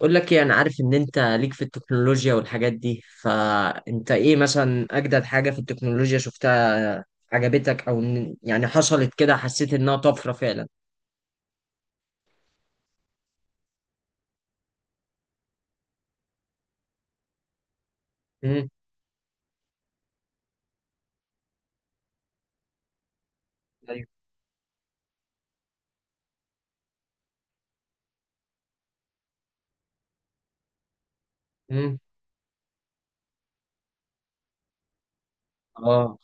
اقول لك ايه؟ انا عارف ان انت ليك في التكنولوجيا والحاجات دي، فانت ايه مثلا اجدد حاجة في التكنولوجيا شفتها عجبتك او يعني حصلت كده حسيت انها طفرة فعلا؟ امم. ايوه. امم. اه.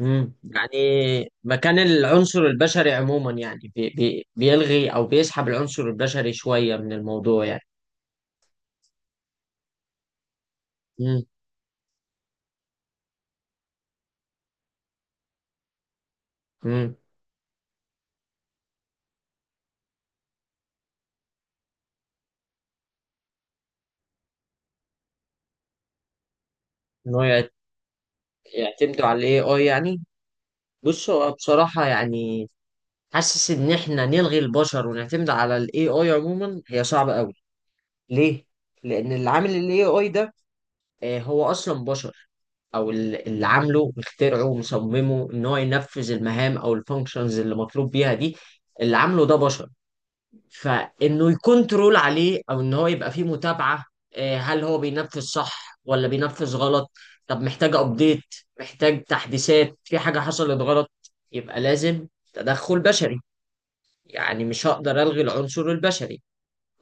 امم. يعني مكان العنصر البشري عموما، يعني بي بي بيلغي او بيسحب العنصر البشري شوية من الموضوع يعني. امم. امم. ان هو يعتمدوا على الاي اي يعني. بص، هو بصراحة يعني حاسس ان احنا نلغي البشر ونعتمد على الاي اي عموما هي صعبة قوي. ليه؟ لان اللي عامل الاي اي ده، هو اصلا بشر. او اللي عامله مخترعه ومصممه ان هو ينفذ المهام او الفانكشنز اللي مطلوب بيها دي، اللي عامله ده بشر. فانه يكون ترول عليه او ان هو يبقى فيه متابعة، هل هو بينفذ صح ولا بينفذ غلط؟ طب محتاج ابديت، محتاج تحديثات في حاجة حصلت غلط، يبقى لازم تدخل بشري. يعني مش هقدر ألغي العنصر البشري،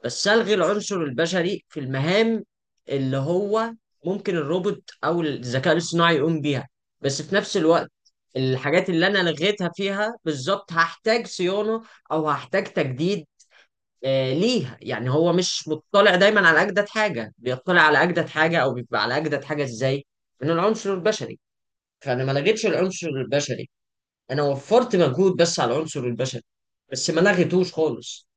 بس ألغي العنصر البشري في المهام اللي هو ممكن الروبوت أو الذكاء الاصطناعي يقوم بيها. بس في نفس الوقت، الحاجات اللي أنا لغيتها فيها بالظبط هحتاج صيانة أو هحتاج تجديد ليها. يعني هو مش مطلع دايما على أجدد حاجة. بيطلع على أجدد حاجة أو بيبقى على أجدد حاجة إزاي؟ من العنصر البشري. فأنا ما لغيتش العنصر البشري، أنا وفرت مجهود بس على العنصر البشري بس ما لغيتوش خالص.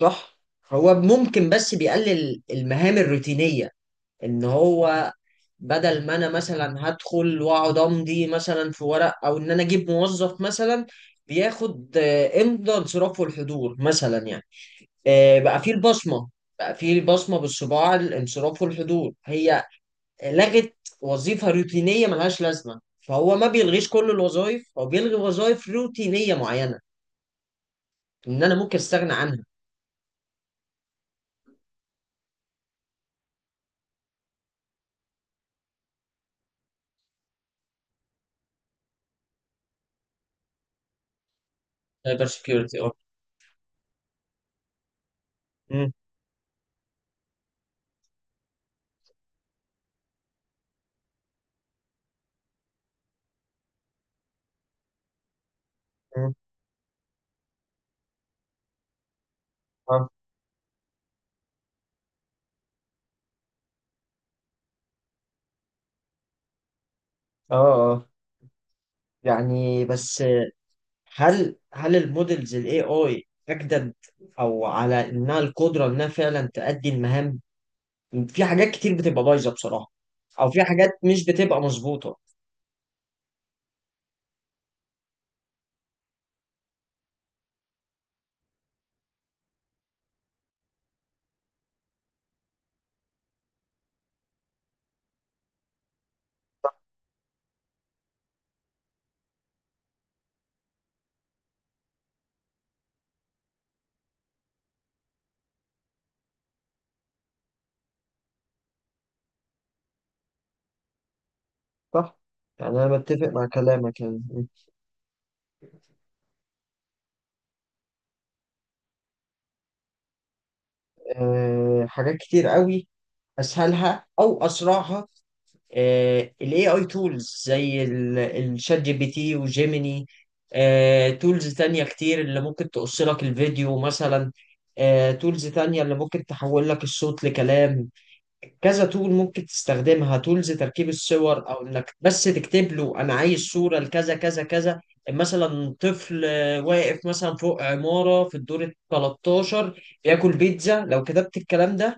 صح. هو ممكن بس بيقلل المهام الروتينية، ان هو بدل ما انا مثلا هدخل واقعد امضي مثلا في ورق او ان انا اجيب موظف مثلا بياخد امضى انصراف والحضور مثلا يعني. بقى فيه البصمة. بقى فيه البصمة بالصباع، الانصراف والحضور، هي لغت وظيفة روتينية ملهاش لازمة. فهو ما بيلغيش كل الوظائف، هو بيلغي وظائف روتينية معينة ان انا ممكن استغنى عنها. سايبر سكيورتي. اه. اه. اه. يعني بس، هل المودلز الاي اي اجدد او على انها القدره انها فعلا تأدي المهام؟ في حاجات كتير بتبقى بايظه بصراحه، او في حاجات مش بتبقى مظبوطه. صح. يعني انا متفق مع كلامك يعني. حاجات كتير قوي. اسهلها او اسرعها ال AI tools زي الشات جي بي تي وجيميني. تولز تانية كتير اللي ممكن تقص لك الفيديو مثلا. تولز تانية اللي ممكن تحول لك الصوت لكلام. كذا تول ممكن تستخدمها، تولز تركيب الصور، او انك بس تكتب له انا عايز صورة لكذا كذا كذا. مثلا طفل واقف مثلا فوق عمارة في الدور ال 13 بياكل بيتزا، لو كتبت الكلام ده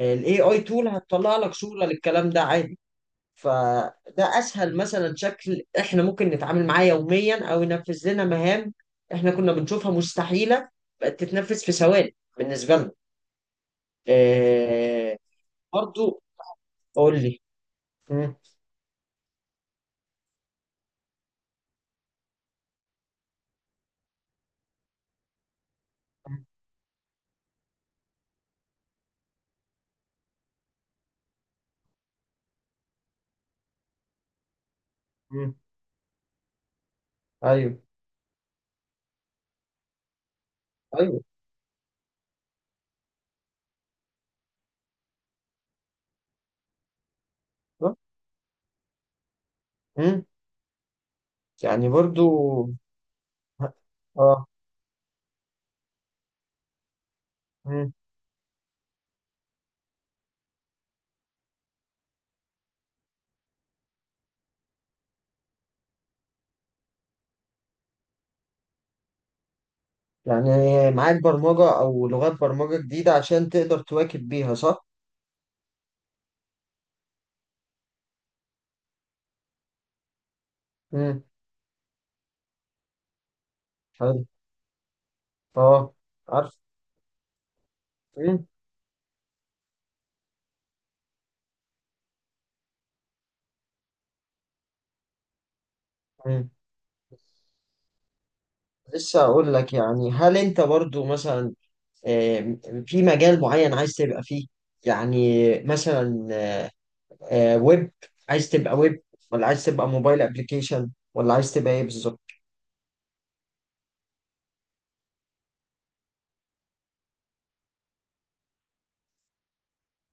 الاي اي تول هتطلع لك صورة للكلام ده عادي. فده اسهل مثلا شكل احنا ممكن نتعامل معاه يوميا او ينفذ لنا مهام. احنا كنا بنشوفها مستحيله، بقت تتنفذ في ثواني بالنسبه لنا. آه. برضو. قول لي. مم. مم. ايوه. ايوه. مم. يعني برضو. اه. مم. يعني معاك برمجه او لغات برمجه جديده عشان تقدر تواكب بيها صح؟ مم. حلو. اه. عارف. مم. مم. لسه اقول لك. يعني هل انت برضو مثلا آه، في مجال معين عايز تبقى فيه؟ يعني مثلا ويب، عايز تبقى ويب ولا عايز تبقى موبايل ابلكيشن ولا عايز تبقى ايه بالظبط؟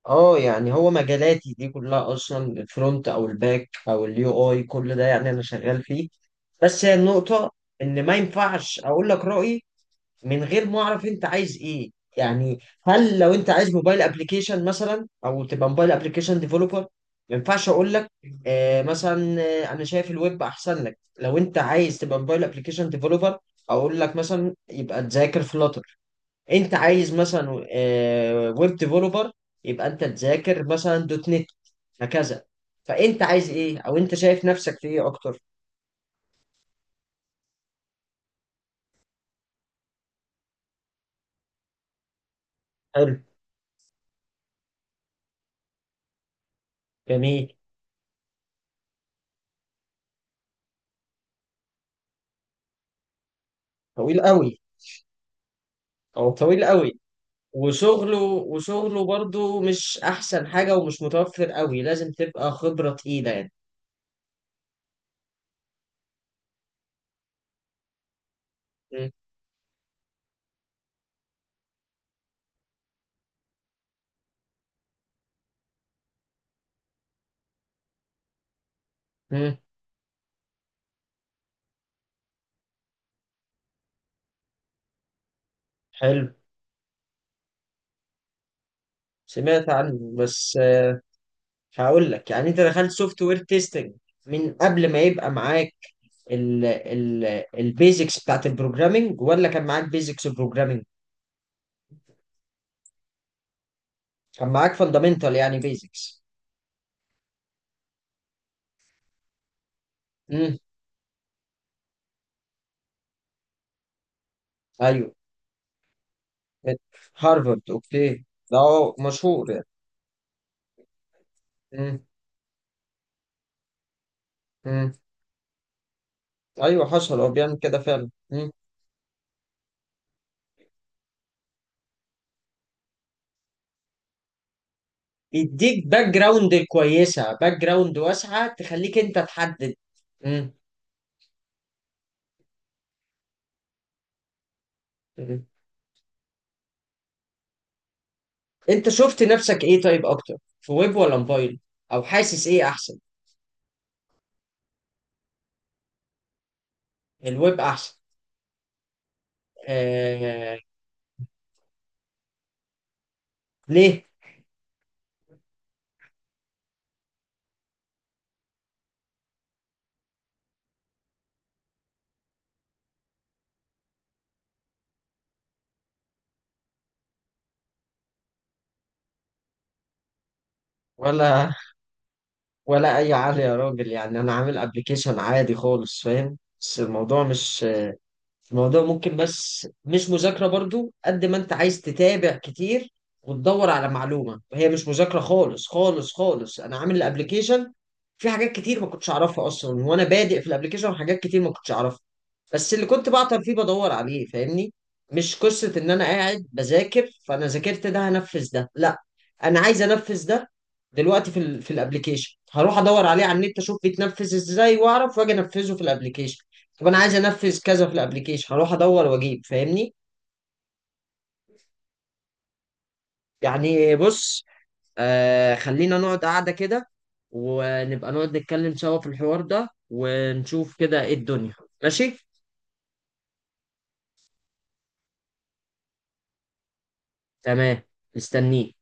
اه، يعني هو مجالاتي دي كلها اصلا، الفرونت او الباك او اليو اي، كل ده يعني انا شغال فيه. بس هي النقطة ان ما ينفعش اقول لك رأيي من غير ما اعرف انت عايز ايه. يعني هل لو انت عايز موبايل ابلكيشن مثلا او تبقى موبايل ابلكيشن ديفلوبر، ما ينفعش اقول لك مثلا انا شايف الويب احسن لك. لو انت عايز تبقى موبايل ابلكيشن ديفلوبر، اقول لك مثلا يبقى تذاكر فلاتر. انت عايز مثلا ويب ديفلوبر، يبقى انت تذاكر مثلا دوت نت. هكذا. فانت عايز ايه او انت شايف نفسك في ايه اكتر؟ حلو. جميل. طويل قوي. او طويل قوي، وشغله وشغله برضه مش احسن حاجة ومش متوفر قوي، لازم تبقى خبرة تقيلة يعني. مم. مم. حلو. سمعت عنه بس هقول لك يعني، انت دخلت سوفت وير تيستنج من قبل ما يبقى معاك ال ال البيزكس بتاعت البروجرامينج ولا كان معاك بيزكس بروجرامينج؟ كان معاك فاندامنتال يعني بيزكس. امم. ايوه. هارفارد. اوكي. ده هو مشهور يعني. امم. ايوه حصل، هو بيعمل كده فعلا. يديك باك جراوند كويسة، باك جراوند واسعة تخليك انت تحدد. مم. مم. انت شفت نفسك ايه طيب اكتر، في ويب ولا موبايل؟ او حاسس ايه احسن؟ الويب احسن. آه... ليه؟ ولا ولا اي عالي يا راجل، يعني انا عامل ابلكيشن عادي خالص فاهم، بس الموضوع مش، الموضوع ممكن بس مش مذاكرة برضو قد ما انت عايز تتابع كتير وتدور على معلومة، هي مش مذاكرة خالص خالص خالص. انا عامل الابليكيشن، في حاجات كتير ما كنتش اعرفها اصلا وانا بادئ في الابليكيشن، حاجات كتير ما كنتش اعرفها بس اللي كنت بعطل فيه بدور عليه، فاهمني؟ مش قصة ان انا قاعد بذاكر، فانا ذاكرت ده هنفذ ده، لا. انا عايز انفذ ده دلوقتي في ال في الابليكيشن، هروح ادور عليه على النت اشوف بيتنفذ ازاي واعرف واجي انفذه في الابليكيشن. طب انا عايز انفذ كذا في الابليكيشن، هروح ادور واجيب، فاهمني؟ يعني بص، خلينا نقعد قعده كده ونبقى نقعد نتكلم سوا في الحوار ده ونشوف كده ايه الدنيا. ماشي. تمام. مستنيك.